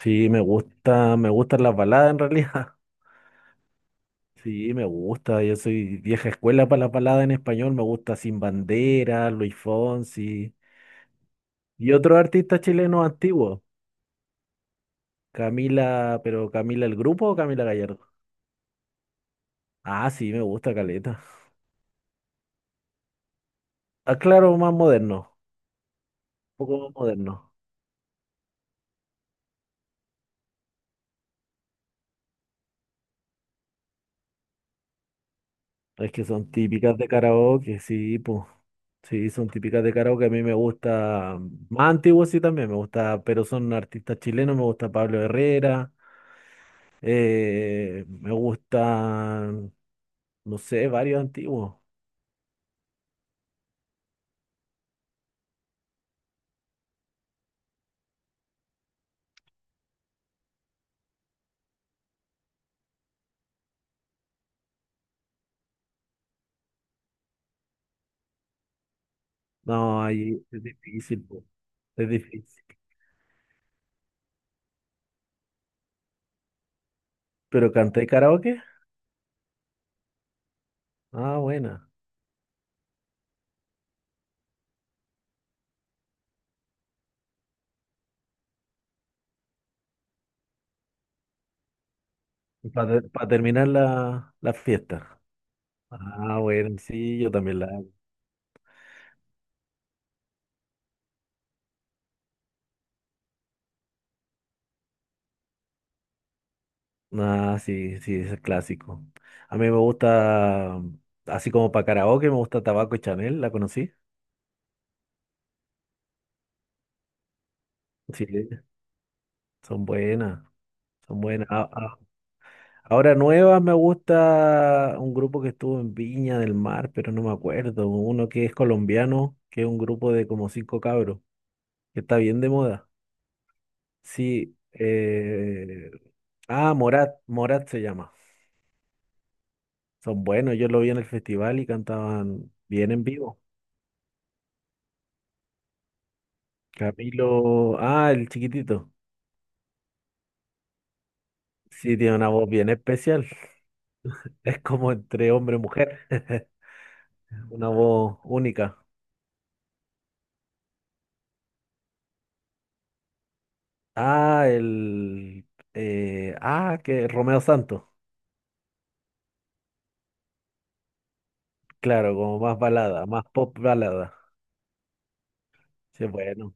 Sí, me gusta, me gustan las baladas en realidad. Sí, me gusta. Yo soy vieja escuela para las baladas en español. Me gusta Sin Bandera, Luis Fonsi y otros artistas chilenos antiguos. Camila, pero Camila el grupo o Camila Gallardo. Ah, sí, me gusta Caleta. Ah, claro, más moderno, un poco más moderno. Es que son típicas de karaoke, sí, pues. Sí, son típicas de karaoke. A mí me gusta, más antiguos sí también me gusta, pero son artistas chilenos. Me gusta Pablo Herrera, me gustan, no sé, varios antiguos. No, ahí es difícil, po, es difícil. ¿Pero canté karaoke? Ah, buena. Para terminar la fiesta. Ah, bueno, sí, yo también la. Ah, sí, sí, ese es clásico. A mí me gusta, así como para karaoke, me gusta Tabaco y Chanel, ¿la conocí? Sí, son buenas, son buenas. Ahora nuevas me gusta un grupo que estuvo en Viña del Mar, pero no me acuerdo. Uno que es colombiano, que es un grupo de como cinco cabros, que está bien de moda. Sí, Morat, Morat se llama. Son buenos, yo lo vi en el festival y cantaban bien en vivo. Camilo, ah, el chiquitito. Sí, tiene una voz bien especial. Es como entre hombre y mujer. Una voz única. Ah, el. Que Romeo Santos. Claro, como más balada, más pop balada. Sí, bueno.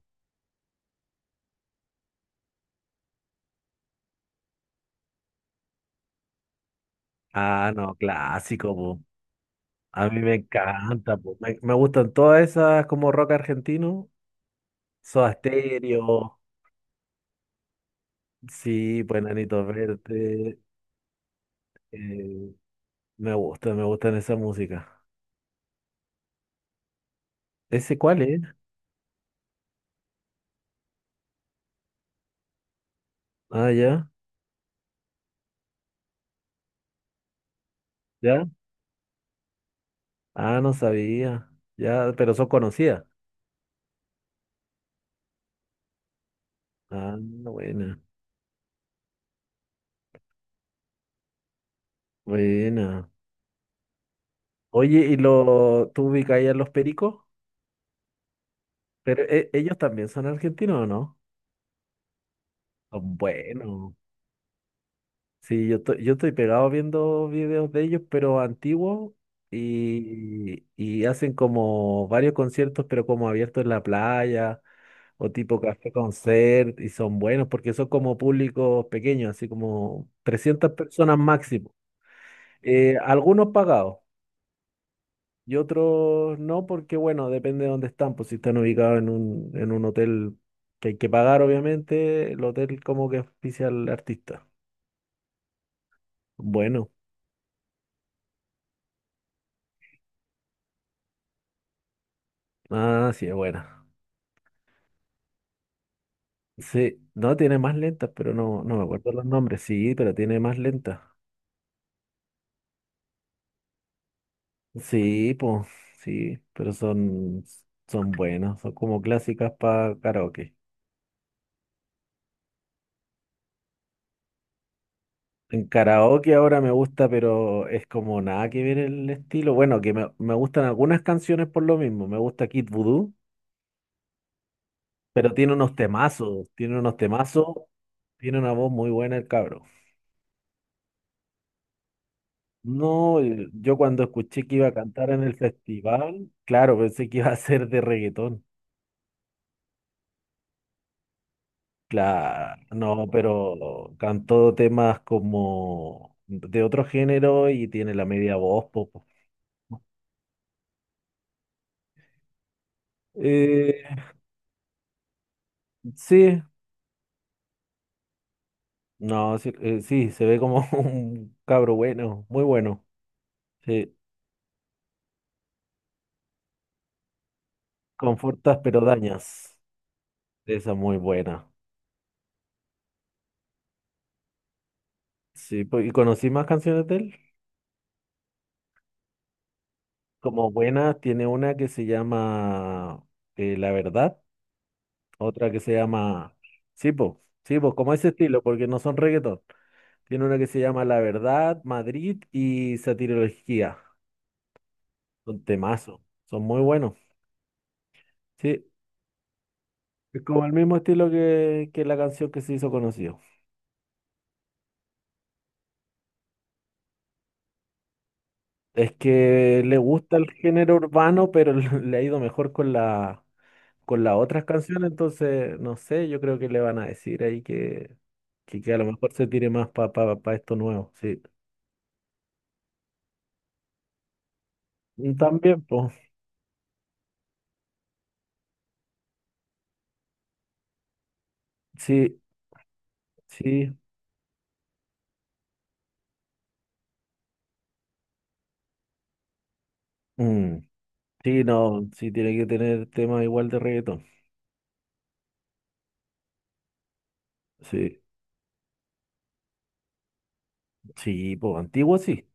Ah, no, clásico, po. A mí me encanta, po. Me gustan todas esas como rock argentino. Soda Stereo. Sí, pues Enanitos Verdes. eh, me gusta, me gustan esa música. ¿Ese cuál es? Ah, ya, ya. Ah, no sabía. Ya, pero eso conocía. Ah, buena, buena. Oye, ¿y lo, tú ubicas ahí a los pericos? Pero ellos también son argentinos, ¿o no? Son buenos. Sí, yo, yo estoy pegado viendo videos de ellos, pero antiguos, y hacen como varios conciertos, pero como abiertos en la playa, o tipo café concert, y son buenos porque son como públicos pequeños, así como 300 personas máximo. Algunos pagados. Y otros no, porque bueno, depende de dónde están, pues si están ubicados en un hotel que hay que pagar, obviamente, el hotel como que auspicia al artista. Bueno, ah, sí, es buena. Sí, no, tiene más lentas, pero no, no me acuerdo los nombres, sí, pero tiene más lentas. Sí, pues, sí, pero son, son buenas, son como clásicas para karaoke. En karaoke ahora me gusta, pero es como nada que ver el estilo. Bueno, que me gustan algunas canciones por lo mismo. Me gusta Kid Voodoo. Pero tiene unos temazos, tiene unos temazos, tiene una voz muy buena el cabro. No, yo cuando escuché que iba a cantar en el festival, claro, pensé que iba a ser de reggaetón. Claro, no, pero cantó temas como de otro género y tiene la media voz, poco. Eh, sí, no, sí, sí, se ve como un cabro bueno, muy bueno. Sí, confortas pero dañas. Esa es muy buena. Sí, pues, ¿y conocí más canciones de él? Como buenas, tiene una que se llama La Verdad, otra que se llama Sipo, Sipo, como ese estilo, porque no son reggaetón. Tiene una que se llama La Verdad, Madrid y Satirología. Son temazos, son muy buenos. Sí, es como el mismo estilo que la canción que se hizo conocido. Es que le gusta el género urbano, pero le ha ido mejor con la, con las otras canciones, entonces, no sé, yo creo que le van a decir ahí que a lo mejor se tire más para pa esto nuevo, sí. Mm, también, pues, sí, sí, mm, sí, no, sí tiene que tener temas igual de reggaetón, sí, sí, pues, antiguo sí.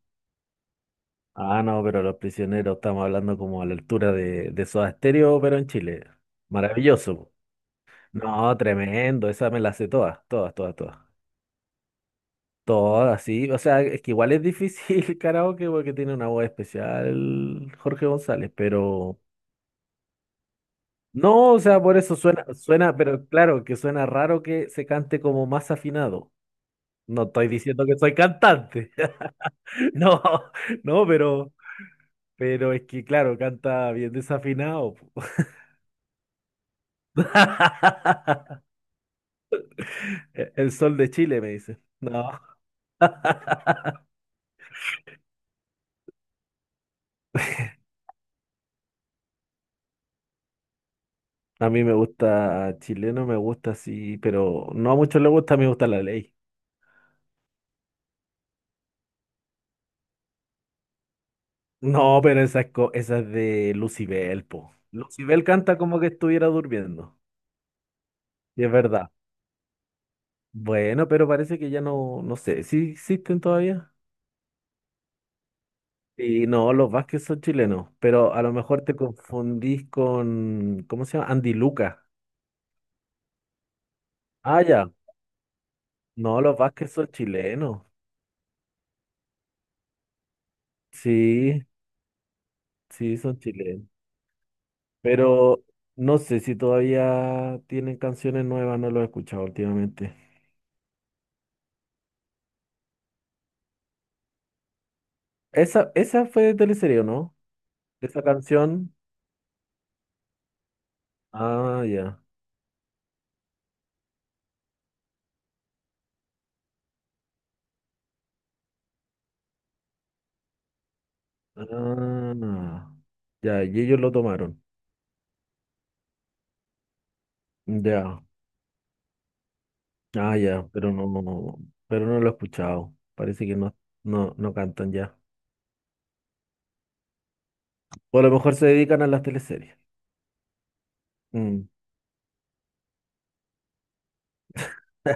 Ah, no, pero Los Prisioneros estamos hablando como a la altura de Soda Stereo, pero en Chile. Maravilloso, po. No, tremendo, esa me la sé todas, todas, todas, todas. Todas, sí. O sea, es que igual es difícil el karaoke porque tiene una voz especial Jorge González, pero... No, o sea, por eso suena, suena, pero claro, que suena raro que se cante como más afinado. No estoy diciendo que soy cantante. No, no, pero es que claro, canta bien desafinado, po. El sol de Chile, me dice. No. A mí me gusta chileno, me gusta así, pero no a muchos les gusta, a mí me gusta la ley. No, pero esa es, esa es de Lucibel, po. Lucibel canta como que estuviera durmiendo. Y es verdad. Bueno, pero parece que ya no, no sé, ¿sí existen todavía? Y no, los Vázquez son chilenos, pero a lo mejor te confundís con, ¿cómo se llama? Andy Luca. Ah, ya. No, los Vázquez son chilenos. Sí, sí, son chilenos. Pero no sé si todavía tienen canciones nuevas, no lo he escuchado últimamente. Esa fue de teleserie, ¿o no? Esa canción. Ah, ya. Ah, ya, y ellos lo tomaron. Ya. Ah, ya, pero no, pero no lo he escuchado. Parece que no, no, no cantan ya. O a lo mejor se dedican a las teleseries. Mm.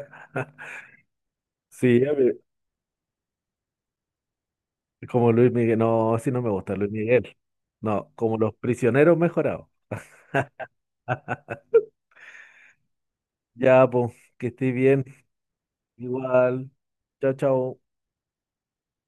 Sí, a ver, como Luis Miguel. No, sí no me gusta Luis Miguel. No, como los prisioneros mejorados. Ya, pues, que estés bien. Igual. Chao, chao.